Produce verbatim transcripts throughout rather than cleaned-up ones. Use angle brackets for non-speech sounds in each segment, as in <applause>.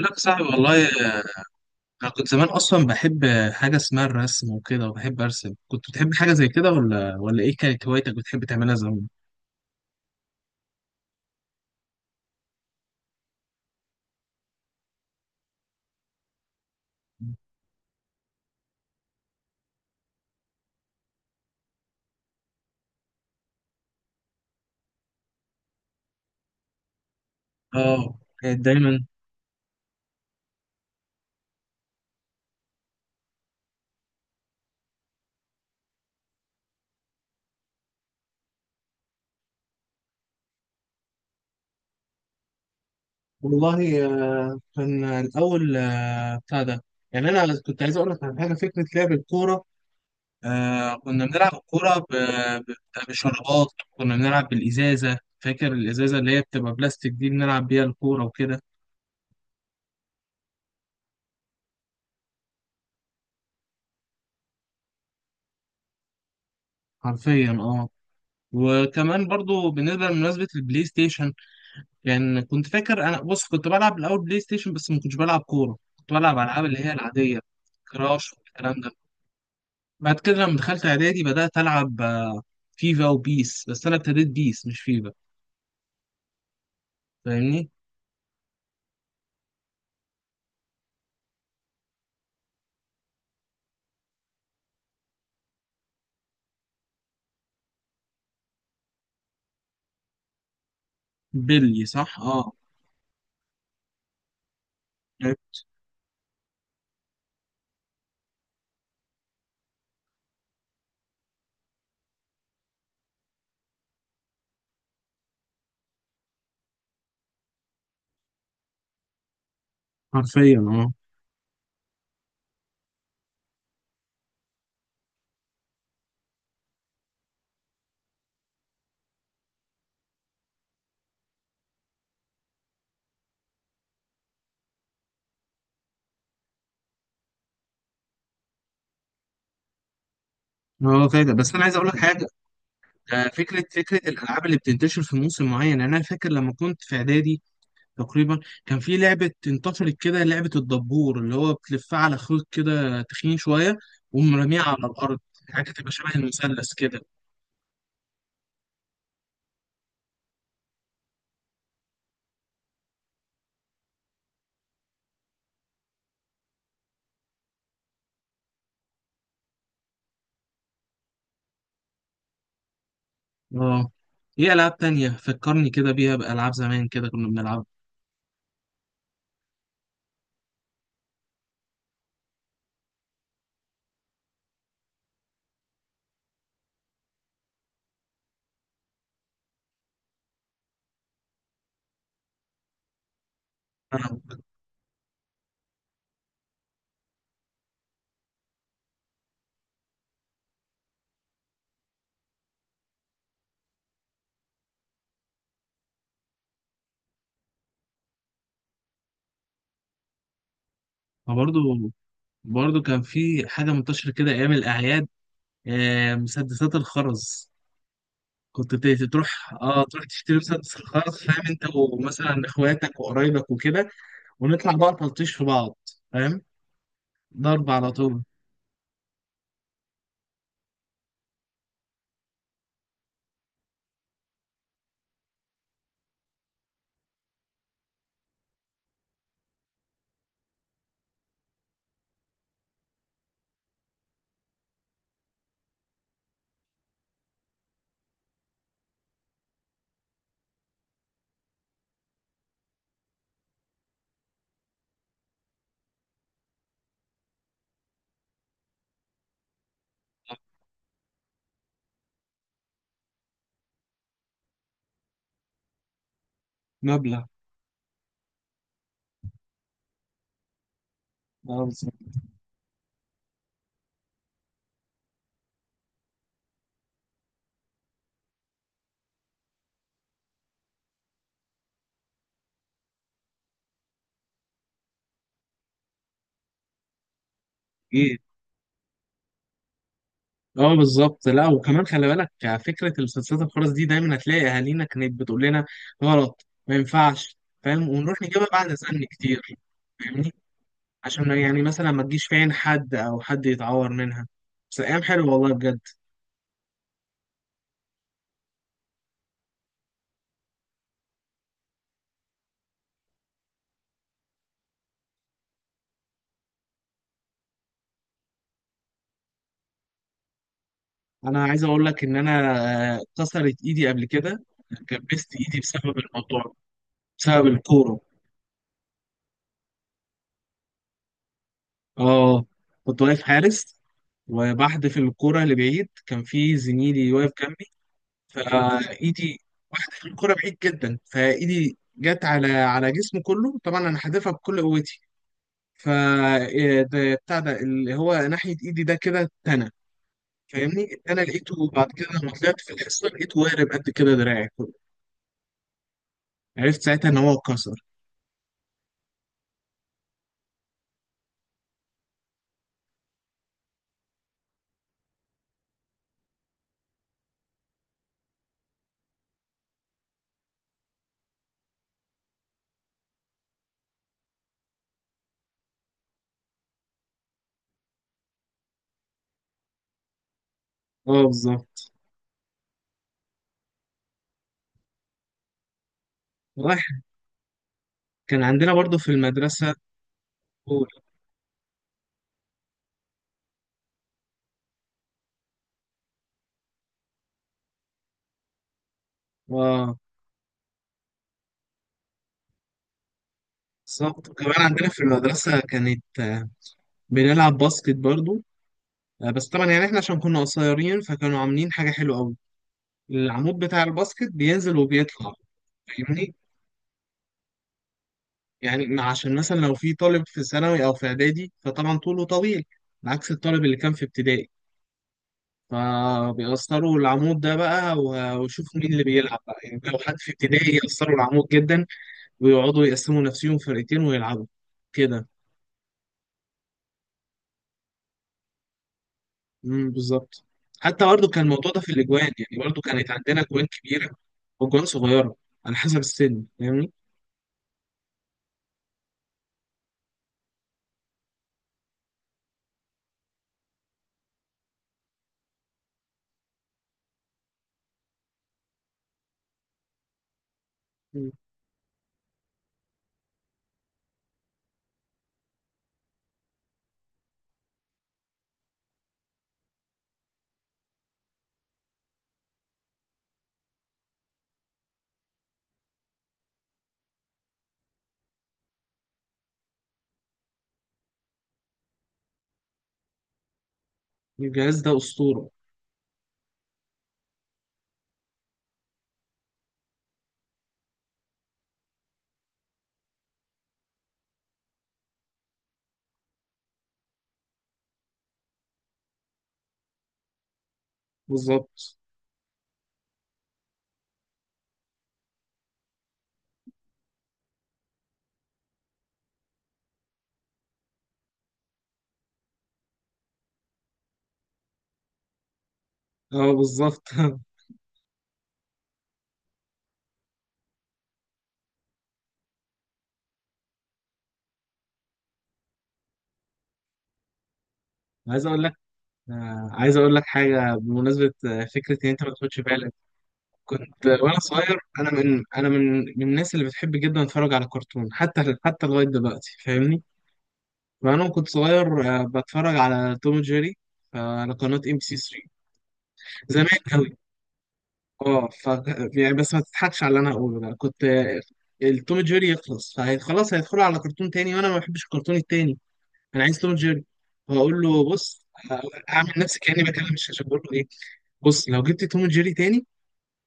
لا يا صاحبي والله آه، انا كنت زمان اصلا بحب آه، حاجه اسمها الرسم وكده وبحب ارسم. كنت بتحب حاجه زي كده ولا ولا ايه كانت هوايتك بتحب تعملها زمان؟ اه كانت دايما. والله آه، كان الاول آه، بتاع ده. يعني انا كنت عايز اقول لك على حاجه، فكره لعب الكوره. آه، كنا بنلعب الكوره ب- ب- بشرابات. كنا بنلعب بالازازه، فاكر الازازه اللي هي بتبقى بلاستيك دي بنلعب بيها الكوره وكده؟ حرفيا اه. وكمان برضو بالنسبه لمناسبه البلاي ستيشن، لان كنت فاكر انا، بص كنت بلعب الاول بلاي ستيشن بس ما كنتش بلعب كوره، كنت بلعب العاب اللي هي العاديه، كراش والكلام ده. بعد كده لما دخلت اعدادي بدات العب آه، فيفا وبيس، بس انا ابتديت بيس مش فيفا، فاهمني. بيلي صح اه. حرفيا اه. اه فاكر. بس انا عايز اقول لك حاجه. آه، فكره فكره الالعاب اللي بتنتشر في موسم معين. يعني انا فاكر لما كنت في اعدادي تقريبا كان في لعبة انتشرت كده، لعبة الدبور اللي هو بتلفها على خيط كده تخين شوية، ومرميها على الأرض، حاجة تبقى شبه المثلث كده. اه. ايه ألعاب تانية فكرني كده بيها، بألعاب زمان كده كنا بنلعبها. برضه برضه كان في حاجة منتشرة كده أيام الأعياد، آه، مسدسات الخرز. كنت ت- تروح اه تروح تشتري مسدس الخرز، فاهم انت، ومثلا اخواتك وقرايبك وكده، ونطلع بقى تلطيش في بعض، فاهم، ضرب على طول. مبلغ. اه بالظبط. ايه. اه بالظبط. لا وكمان خلي بالك، فكره المسلسلات الخرس دي دايما هتلاقي اهالينا كانت بتقول لنا غلط ما ينفعش، فاهم، ونروح نجيبها بعد سن كتير، فاهمني، عشان ما- يعني مثلا ما تجيش في عين حد او حد يتعور منها. بس ايام حلوه والله بجد. انا عايز اقول لك ان انا آه، كسرت ايدي قبل كده، كبست ايدي بسبب الموضوع ده، بسبب الكوره. اه كنت واقف حارس، وبحدف الكوره لبعيد. كان في زميلي واقف جنبي فايدي، واحده الكره بعيد جدا، فايدي جت على على جسمه كله، طبعا انا حادفها بكل قوتي. ف إيه ده بتاع ده اللي هو ناحيه ايدي ده كده. اتنى فاهمني، اتنى لقيته بعد كده لما طلعت في الحصه، لقيته وارم قد كده دراعي كله، عرفت ساعتها ان هو اتكسر. اه بالظبط. رايح، كان عندنا برضو في المدرسه كورة. اه بالظبط. كمان عندنا في المدرسه كانت آه، بنلعب باسكت برضو. آه، بس طبعا يعني احنا عشان كنا قصيرين فكانوا عاملين حاجه حلوه قوي، العمود بتاع الباسكت بينزل وبيطلع، فاهمني. يعني عشان مثلا لو في طالب في ثانوي او في اعدادي فطبعا طوله طويل عكس الطالب اللي كان في ابتدائي، فبيأثروا العمود ده بقى و- ويشوفوا مين اللي بيلعب بقى. يعني لو حد في ابتدائي يأثروا العمود جدا، ويقعدوا يقسموا نفسهم فرقتين ويلعبوا كده. امم بالظبط. حتى برضه كان الموضوع ده في الأجوان، يعني برضه كانت عندنا أجوان كبيرة وأجوان صغيرة، على حسب السن، فاهمني. مم. الجهاز ده أسطورة. بالظبط. اه بالظبط. <laughs> عايز اقول لك آه، عايز اقول لك حاجه بمناسبه آه، فكره ان انت ما تاخدش بالك. كنت آه، وانا صغير، انا من انا من من الناس اللي بتحب جدا اتفرج على كرتون، حتى حتى لغايه دلوقتي، فاهمني. فانا كنت صغير آه، بتفرج على توم وجيري، آه، على قناه ام بي سي ثلاثة زمان. قوي اه. ف يعني بس ما تضحكش على اللي انا هقوله ده. كنت آه، التوم جيري يخلص فخلاص هيدخلوا على كرتون تاني، وانا ما بحبش الكرتون التاني. انا عايز توم جيري. فاقول له بص، اعمل نفسي كاني بكلم الشاشه، بقول له ايه، بص لو جبت توم جيري تاني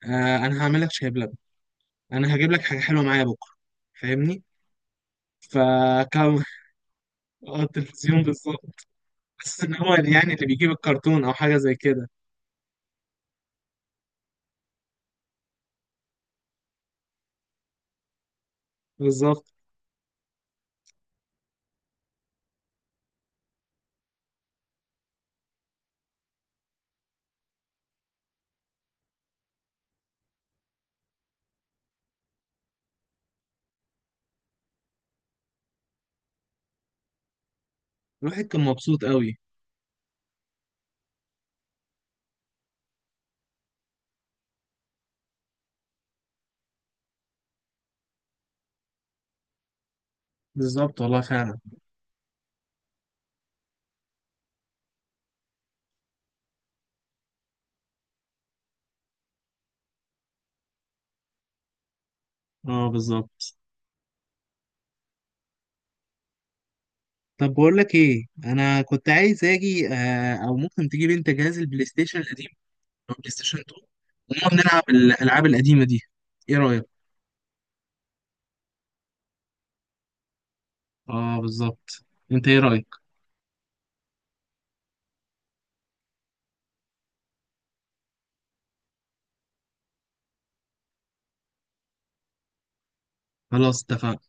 آه انا هعمل لك شاي بلبن، انا هجيب لك حاجه حلوه معايا بكره، فاهمني. فكان <laughs> اه التلفزيون بالظبط. بس ان هو يعني اللي بيجيب الكرتون او حاجه زي كده. بالظبط. الواحد كان مبسوط قوي. بالظبط والله فعلا. اه بالظبط. طب بقول لك ايه، انا كنت عايز اجي آه او ممكن تجيب انت جهاز البلاي ستيشن القديم او بلاي ستيشن اتنين، ونقعد نلعب الالعاب القديمه دي، ايه رايك؟ اه بالظبط. انت ايه رأيك؟ خلاص اتفقنا.